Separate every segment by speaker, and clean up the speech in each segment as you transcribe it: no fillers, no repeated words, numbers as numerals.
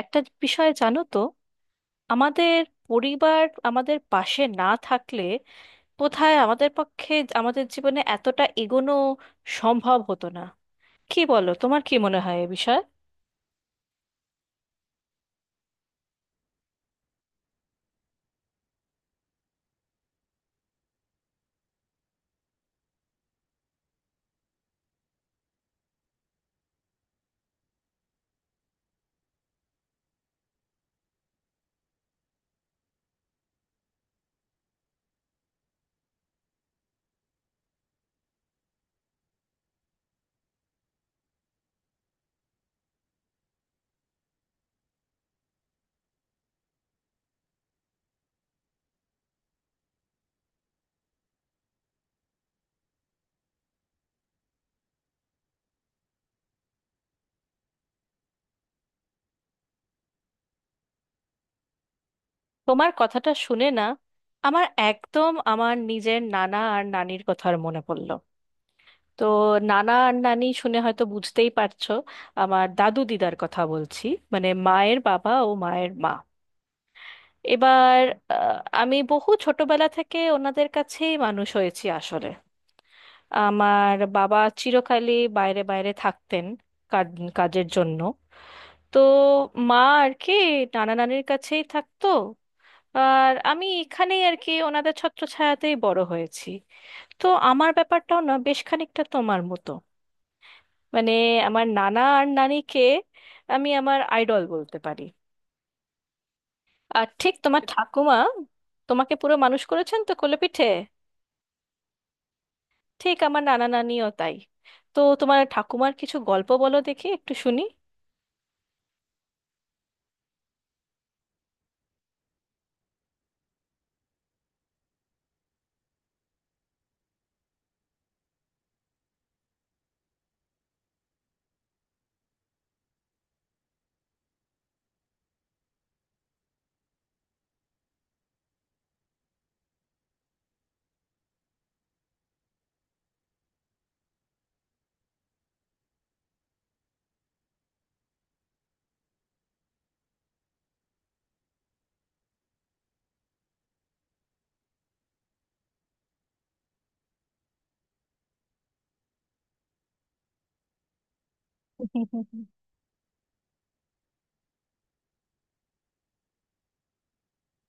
Speaker 1: একটা বিষয় জানো তো, আমাদের পরিবার আমাদের পাশে না থাকলে কোথায় আমাদের পক্ষে আমাদের জীবনে এতটা এগোনো সম্ভব হতো না। কি বলো, তোমার কি মনে হয় এ বিষয়ে? তোমার কথাটা শুনে না, আমার একদম আমার নিজের নানা আর নানির কথার মনে পড়লো। তো নানা আর নানি শুনে হয়তো বুঝতেই পারছো, আমার দাদু দিদার কথা বলছি, মানে মায়ের বাবা ও মায়ের মা। এবার আমি বহু ছোটবেলা থেকে ওনাদের কাছেই মানুষ হয়েছি আসলে। আমার বাবা চিরকালই বাইরে বাইরে থাকতেন, কাজের জন্য। তো মা আর কি নানা নানির কাছেই থাকতো, আর আমি এখানেই আর কি ওনাদের ছত্রছায়াতেই বড় হয়েছি। তো আমার ব্যাপারটাও না বেশ খানিকটা তোমার মতো। মানে আমার নানা আর নানিকে আমি আমার আইডল বলতে পারি। আর ঠিক তোমার ঠাকুমা তোমাকে পুরো মানুষ করেছেন তো কোলে পিঠে, ঠিক আমার নানা নানিও তাই। তো তোমার ঠাকুমার কিছু গল্প বলো দেখি, একটু শুনি।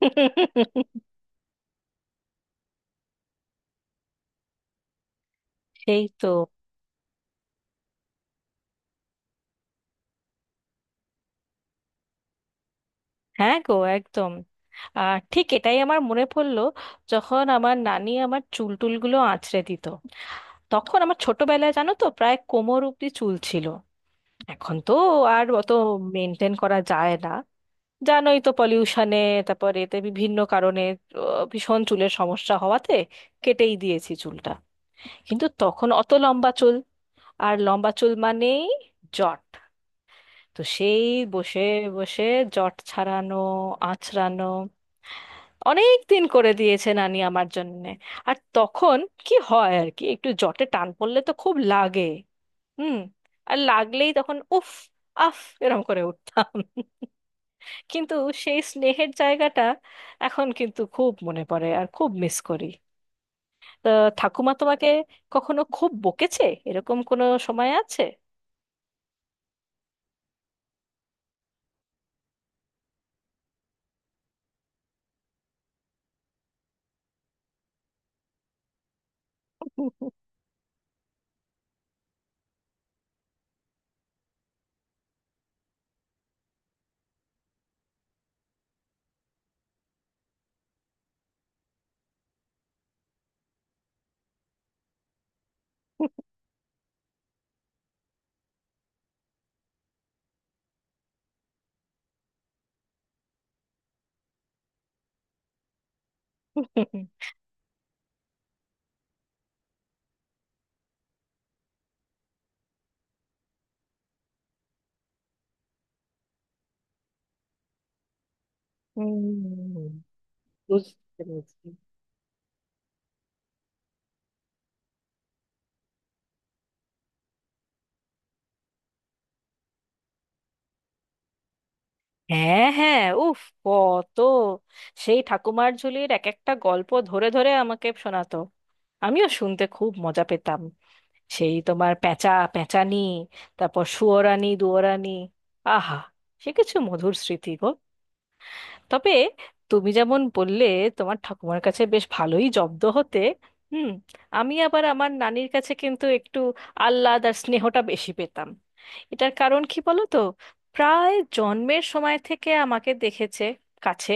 Speaker 1: সেই তো। হ্যাঁ গো, একদম। আর ঠিক এটাই আমার মনে পড়লো, যখন আমার নানি আমার চুল টুলগুলো আঁচড়ে দিত। তখন আমার ছোটবেলায় জানো তো প্রায় কোমর অব্দি চুল ছিল। এখন তো আর অত মেনটেন করা যায় না, জানোই তো পলিউশনে, তারপর এতে বিভিন্ন কারণে ভীষণ চুলের সমস্যা হওয়াতে কেটেই দিয়েছি চুলটা। কিন্তু তখন অত লম্বা চুল, আর লম্বা চুল মানেই জট। তো সেই বসে বসে জট ছাড়ানো, আঁচড়ানো অনেক দিন করে দিয়েছে নানি আমার জন্যে। আর তখন কি হয় আর কি, একটু জটে টান পড়লে তো খুব লাগে। হুম। আর লাগলেই তখন উফ, আফ, এরম করে উঠতাম। কিন্তু সেই স্নেহের জায়গাটা এখন কিন্তু খুব মনে পড়ে আর খুব মিস করি। তো ঠাকুমা তোমাকে কখনো খুব বকেছে, এরকম কোনো সময় আছে? হুম, বুঝতে পেরেছি। হ্যাঁ হ্যাঁ, উফ, কত সেই ঠাকুমার ঝুলির এক একটা গল্প ধরে ধরে আমাকে শোনাতো, আমিও শুনতে খুব মজা পেতাম। সেই তোমার পেঁচা পেঁচানি, তারপর সুয়োরানি দুয়োরানি, আহা, সে কিছু মধুর স্মৃতি গো। তবে তুমি যেমন বললে, তোমার ঠাকুমার কাছে বেশ ভালোই জব্দ হতে। হুম। আমি আবার আমার নানির কাছে কিন্তু একটু আহ্লাদ আর স্নেহটা বেশি পেতাম। এটার কারণ কি বলো তো, প্রায় জন্মের সময় থেকে আমাকে দেখেছে কাছে।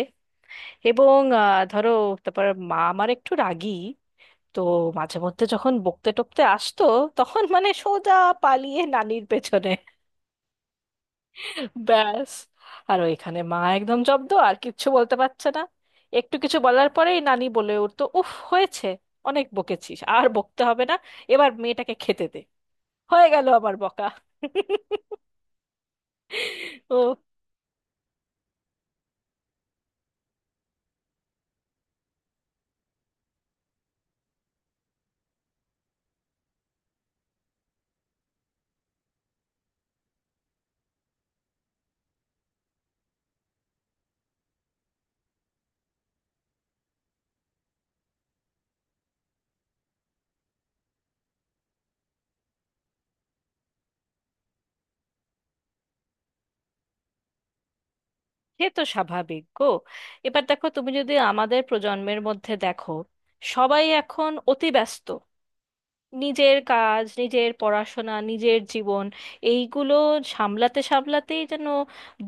Speaker 1: এবং ধরো, তারপর মা আমার একটু রাগী, তো মাঝে মধ্যে যখন বকতে টকতে আসতো, তখন মানে সোজা পালিয়ে নানির পেছনে, ব্যাস। আর ওইখানে মা একদম জব্দ, আর কিচ্ছু বলতে পারছে না। একটু কিছু বলার পরেই নানি বলে উঠতো, উফ হয়েছে, অনেক বকেছিস, আর বকতে হবে না, এবার মেয়েটাকে খেতে দে। হয়ে গেল আমার বকা। ও, সে তো স্বাভাবিক গো। এবার দেখো, তুমি যদি আমাদের প্রজন্মের মধ্যে দেখো, সবাই এখন অতি ব্যস্ত, নিজের কাজ, নিজের পড়াশোনা, নিজের জীবন, এইগুলো সামলাতে সামলাতেই যেন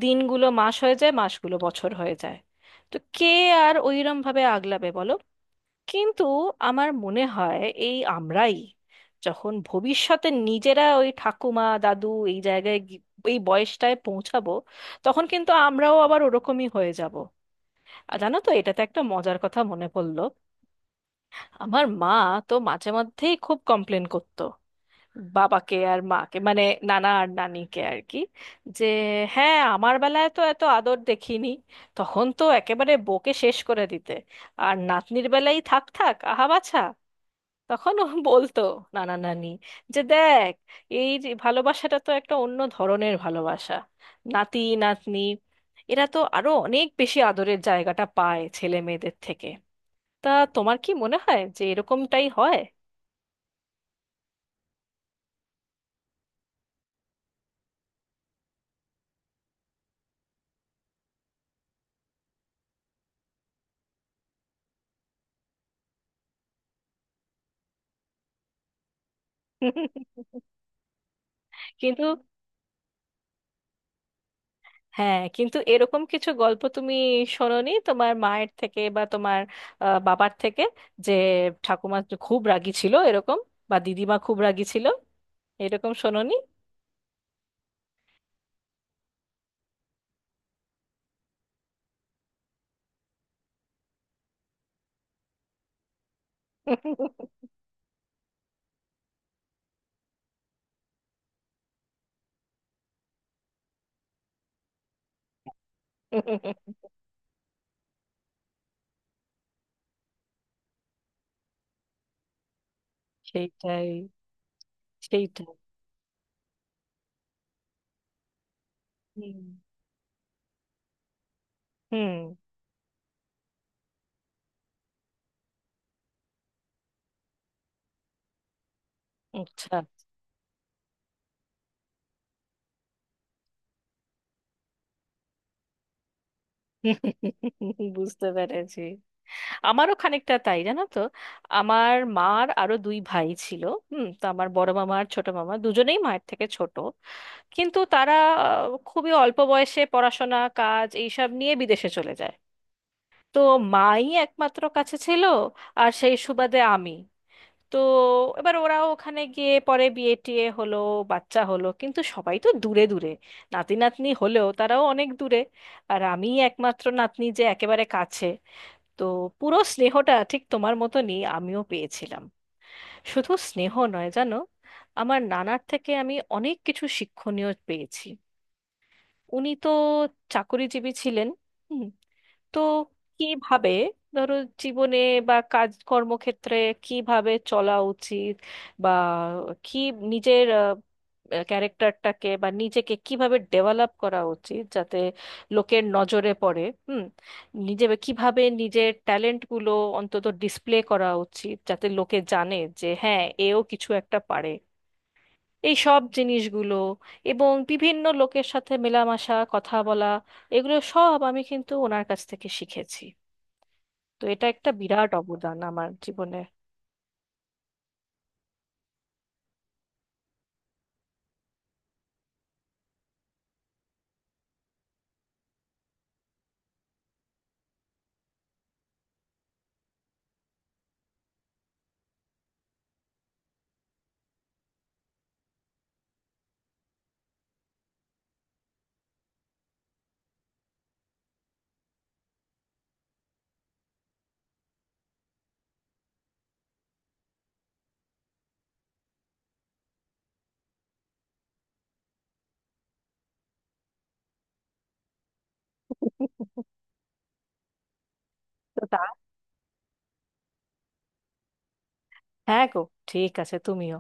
Speaker 1: দিনগুলো মাস হয়ে যায়, মাসগুলো বছর হয়ে যায়। তো কে আর ওইরম ভাবে আগলাবে বলো। কিন্তু আমার মনে হয়, এই আমরাই যখন ভবিষ্যতে নিজেরা ওই ঠাকুমা দাদু, এই জায়গায় গি- এই বয়সটায় পৌঁছাবো, তখন কিন্তু আমরাও আবার ওরকমই হয়ে যাব। আর জানো তো, এটাতে একটা মজার কথা মনে পড়লো। আমার মা তো মাঝে মধ্যেই খুব কমপ্লেন করতো বাবাকে আর মাকে, মানে নানা আর নানিকে আর কি, যে হ্যাঁ আমার বেলায় তো এত আদর দেখিনি, তখন তো একেবারে বকে শেষ করে দিতে, আর নাতনির বেলায় থাক থাক আহা বাছা। তখন ও বলতো নানা নানি, যে দেখ, এই যে ভালোবাসাটা তো একটা অন্য ধরনের ভালোবাসা, নাতি নাতনি এরা তো আরো অনেক বেশি আদরের জায়গাটা পায় ছেলে মেয়েদের থেকে। তা তোমার কি মনে হয় যে এরকমটাই হয়? কিন্তু হ্যাঁ, কিন্তু এরকম কিছু গল্প তুমি শোনোনি তোমার মায়ের থেকে বা তোমার বাবার থেকে, যে ঠাকুমা খুব রাগী ছিল এরকম, বা দিদিমা খুব রাগী ছিল এরকম শোনোনি? সেইটাই, সেইটাই। হুম, হুম। আচ্ছা। বুঝতে পেরেছি। আমারও খানিকটা তাই জানো তো। আমার মার আরো দুই ভাই ছিল। হুম। তো আমার বড় মামা আর ছোট মামা দুজনেই মায়ের থেকে ছোট, কিন্তু তারা খুবই অল্প বয়সে পড়াশোনা কাজ এইসব নিয়ে বিদেশে চলে যায়। তো মাই একমাত্র কাছে ছিল, আর সেই সুবাদে আমি। তো এবার ওরা ওখানে গিয়ে পরে বিয়ে টিয়ে হলো, বাচ্চা হলো, কিন্তু সবাই তো দূরে দূরে, নাতি নাতনি হলেও তারাও অনেক দূরে। আর আমি একমাত্র নাতনি যে একেবারে কাছে। তো পুরো স্নেহটা ঠিক তোমার মতনই আমিও পেয়েছিলাম। শুধু স্নেহ নয় জানো, আমার নানার থেকে আমি অনেক কিছু শিক্ষণীয় পেয়েছি। উনি তো চাকরিজীবী ছিলেন। হুম। তো কিভাবে, ধরো, জীবনে বা কাজ কর্মক্ষেত্রে কিভাবে চলা উচিত, বা কি, নিজের ক্যারেক্টারটাকে বা নিজেকে কিভাবে ডেভেলপ করা উচিত যাতে লোকের নজরে পড়ে, হুম, নিজে কিভাবে নিজের ট্যালেন্টগুলো অন্তত ডিসপ্লে করা উচিত যাতে লোকে জানে যে হ্যাঁ, এও কিছু একটা পারে, এই সব জিনিসগুলো, এবং বিভিন্ন লোকের সাথে মেলামেশা কথা বলা, এগুলো সব আমি কিন্তু ওনার কাছ থেকে শিখেছি। তো এটা একটা বিরাট অবদান আমার জীবনে। তো তা, হ্যাঁ গো, ঠিক আছে, তুমিও।